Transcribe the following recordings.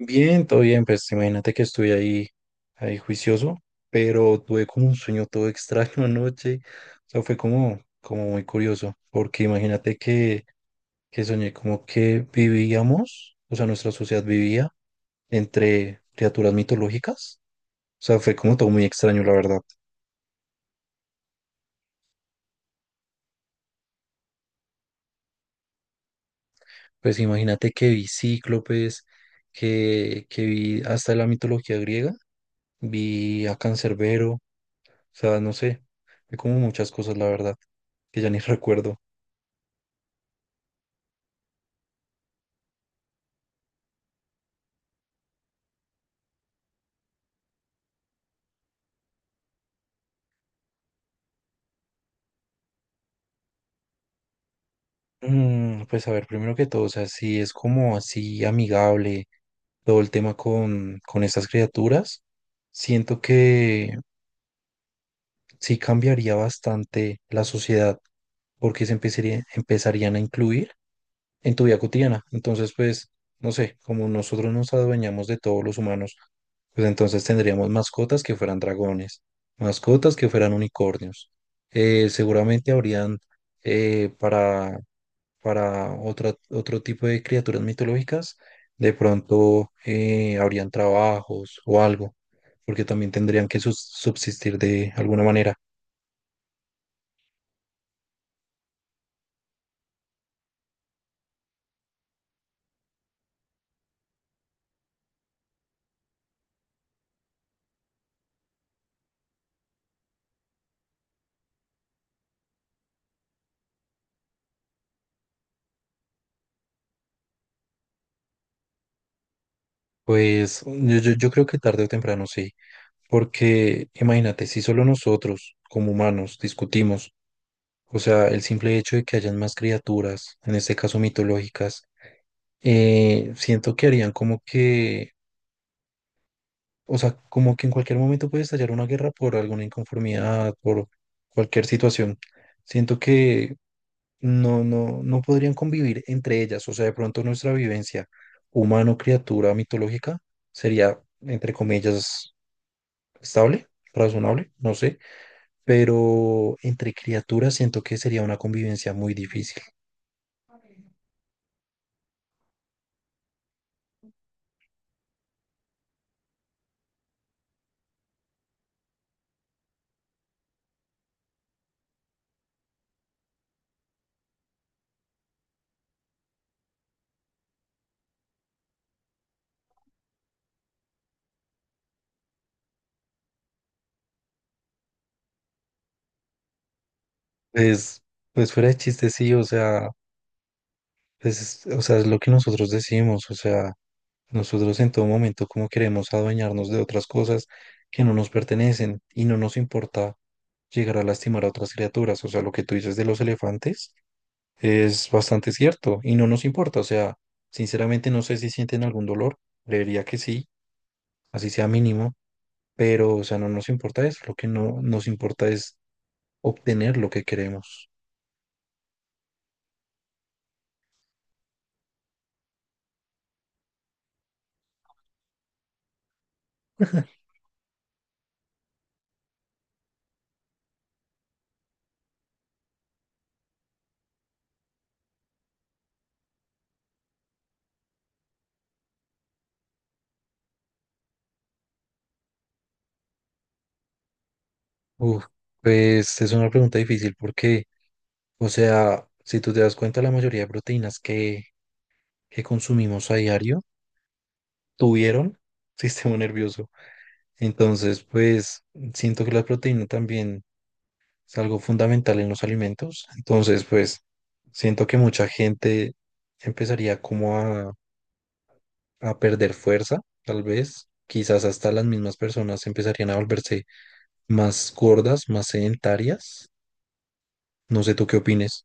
Bien, todo bien, pues imagínate que estuve ahí, ahí juicioso, pero tuve como un sueño todo extraño anoche, o sea, fue como, como muy curioso, porque imagínate que soñé como que vivíamos, o sea, nuestra sociedad vivía entre criaturas mitológicas, o sea, fue como todo muy extraño, la verdad. Pues imagínate que vi cíclopes, que vi hasta la mitología griega, vi a Cancerbero. O sea, no sé, hay como muchas cosas, la verdad, que ya ni recuerdo. Pues a ver, primero que todo, o sea, si es como así amigable todo el tema con estas criaturas, siento que sí cambiaría bastante la sociedad, porque empezarían a incluir en tu vida cotidiana. Entonces, pues, no sé, como nosotros nos adueñamos de todos los humanos, pues entonces tendríamos mascotas que fueran dragones, mascotas que fueran unicornios. Seguramente habrían para, otro tipo de criaturas mitológicas, de pronto habrían trabajos o algo, porque también tendrían que subsistir de alguna manera. Pues yo creo que tarde o temprano sí, porque imagínate, si solo nosotros como humanos discutimos, o sea, el simple hecho de que hayan más criaturas, en este caso mitológicas, siento que harían como que, o sea, como que en cualquier momento puede estallar una guerra por alguna inconformidad, por cualquier situación. Siento que no, no, no podrían convivir entre ellas, o sea, de pronto nuestra vivencia humano-criatura mitológica sería, entre comillas, estable, razonable, no sé, pero entre criaturas siento que sería una convivencia muy difícil. Pues, pues fuera de chiste, sí, o sea, pues, o sea, es lo que nosotros decimos, o sea, nosotros en todo momento como queremos adueñarnos de otras cosas que no nos pertenecen y no nos importa llegar a lastimar a otras criaturas, o sea, lo que tú dices de los elefantes es bastante cierto y no nos importa, o sea, sinceramente no sé si sienten algún dolor, creería que sí, así sea mínimo, pero, o sea, no nos importa eso, lo que no nos importa es obtener lo que queremos. Uf, pues es una pregunta difícil porque, o sea, si tú te das cuenta, la mayoría de proteínas que consumimos a diario tuvieron sistema nervioso. Entonces, pues siento que la proteína también es algo fundamental en los alimentos. Entonces, pues siento que mucha gente empezaría como a perder fuerza, tal vez. Quizás hasta las mismas personas empezarían a volverse más gordas, más sedentarias. No sé tú qué opines.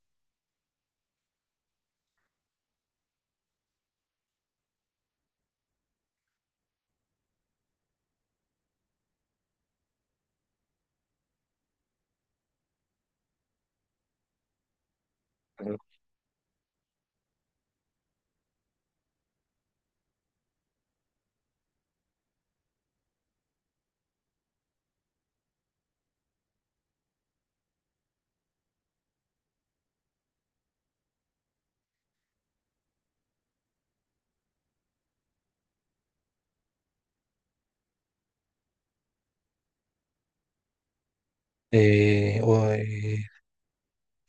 Eh, o, eh,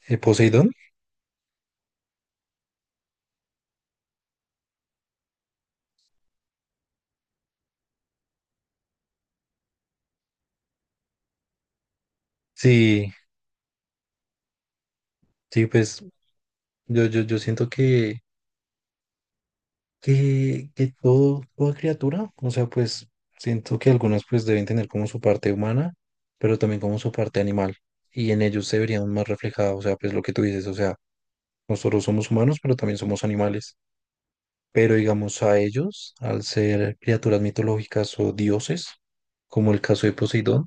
Poseidón. Sí, sí, pues yo siento que, que todo, toda criatura, o sea, pues siento que algunas pues deben tener como su parte humana, pero también como su parte animal. Y en ellos se verían más reflejados, o sea, pues lo que tú dices, o sea, nosotros somos humanos, pero también somos animales. Pero digamos a ellos, al ser criaturas mitológicas o dioses, como el caso de Poseidón,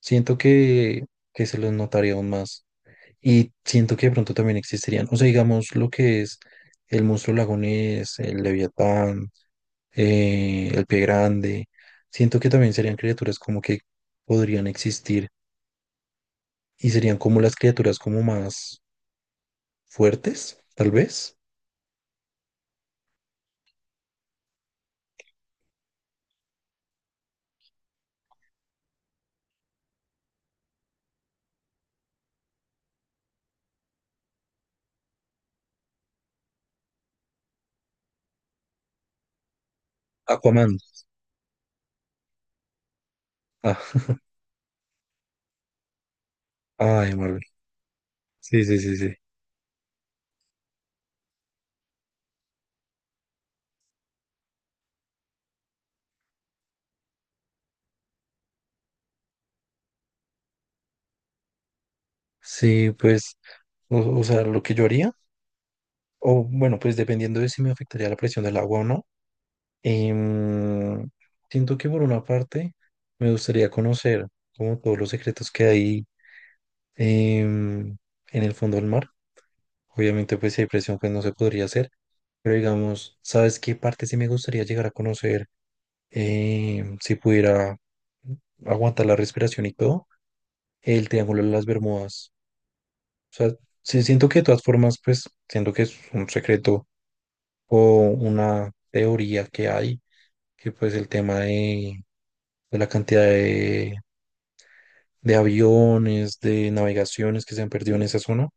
siento que se los notaría aún más. Y siento que de pronto también existirían, o sea, digamos lo que es el monstruo lagonés, el leviatán, el pie grande. Siento que también serían criaturas como que podrían existir y serían como las criaturas como más fuertes, tal vez. Aquaman. Ah, ay, Marvel. Sí, sí, sí, sí. Sí, pues, o sea, lo que yo haría, o bueno, pues dependiendo de si me afectaría la presión del agua o no. Em, Siento que por una parte me gustaría conocer como todos los secretos que hay em, en el fondo del mar. Obviamente pues si hay presión pues no se podría hacer, pero digamos, ¿sabes qué parte sí me gustaría llegar a conocer? ¿Si pudiera aguantar la respiración y todo? El Triángulo de las Bermudas. O sea, sí siento que de todas formas pues siento que es un secreto o una teoría que hay, que pues el tema de la cantidad de aviones, de navegaciones que se han perdido en esa zona.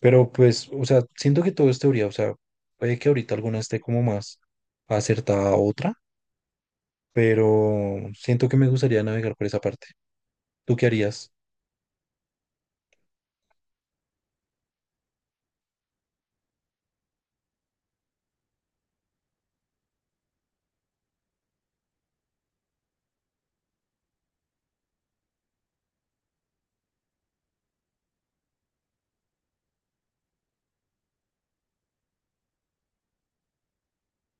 Pero pues, o sea, siento que todo es teoría, o sea, puede que ahorita alguna esté como más acertada a otra, pero siento que me gustaría navegar por esa parte. ¿Tú qué harías?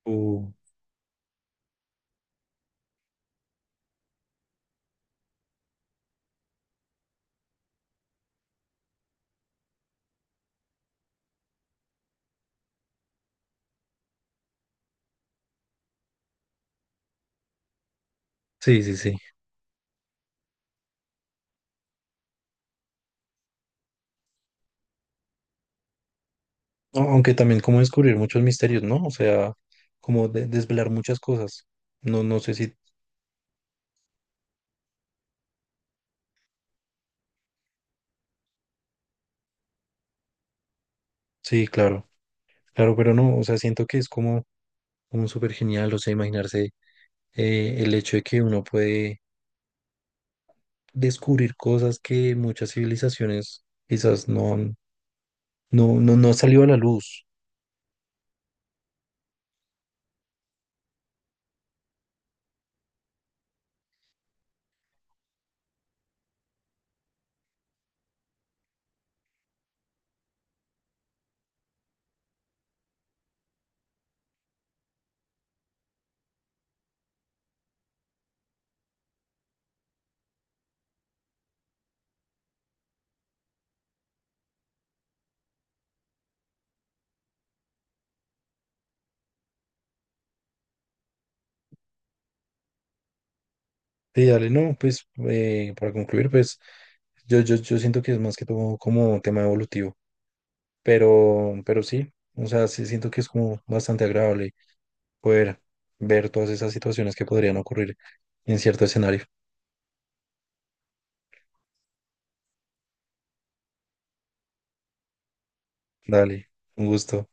Tú- Sí, sí, sí. A- Aunque también como descubrir muchos misterios, ¿no? O sea, como desvelar muchas cosas. No, no sé si, sí, claro, claro, pero no, o sea, siento que es como, como súper genial, o sea, imaginarse el hecho de que uno puede descubrir cosas que muchas civilizaciones quizás no han, no, no, no han salido a la luz. Y dale, no, pues para concluir, pues yo siento que es más que todo como tema evolutivo, pero sí, o sea, sí siento que es como bastante agradable poder ver todas esas situaciones que podrían ocurrir en cierto escenario. Dale, un gusto.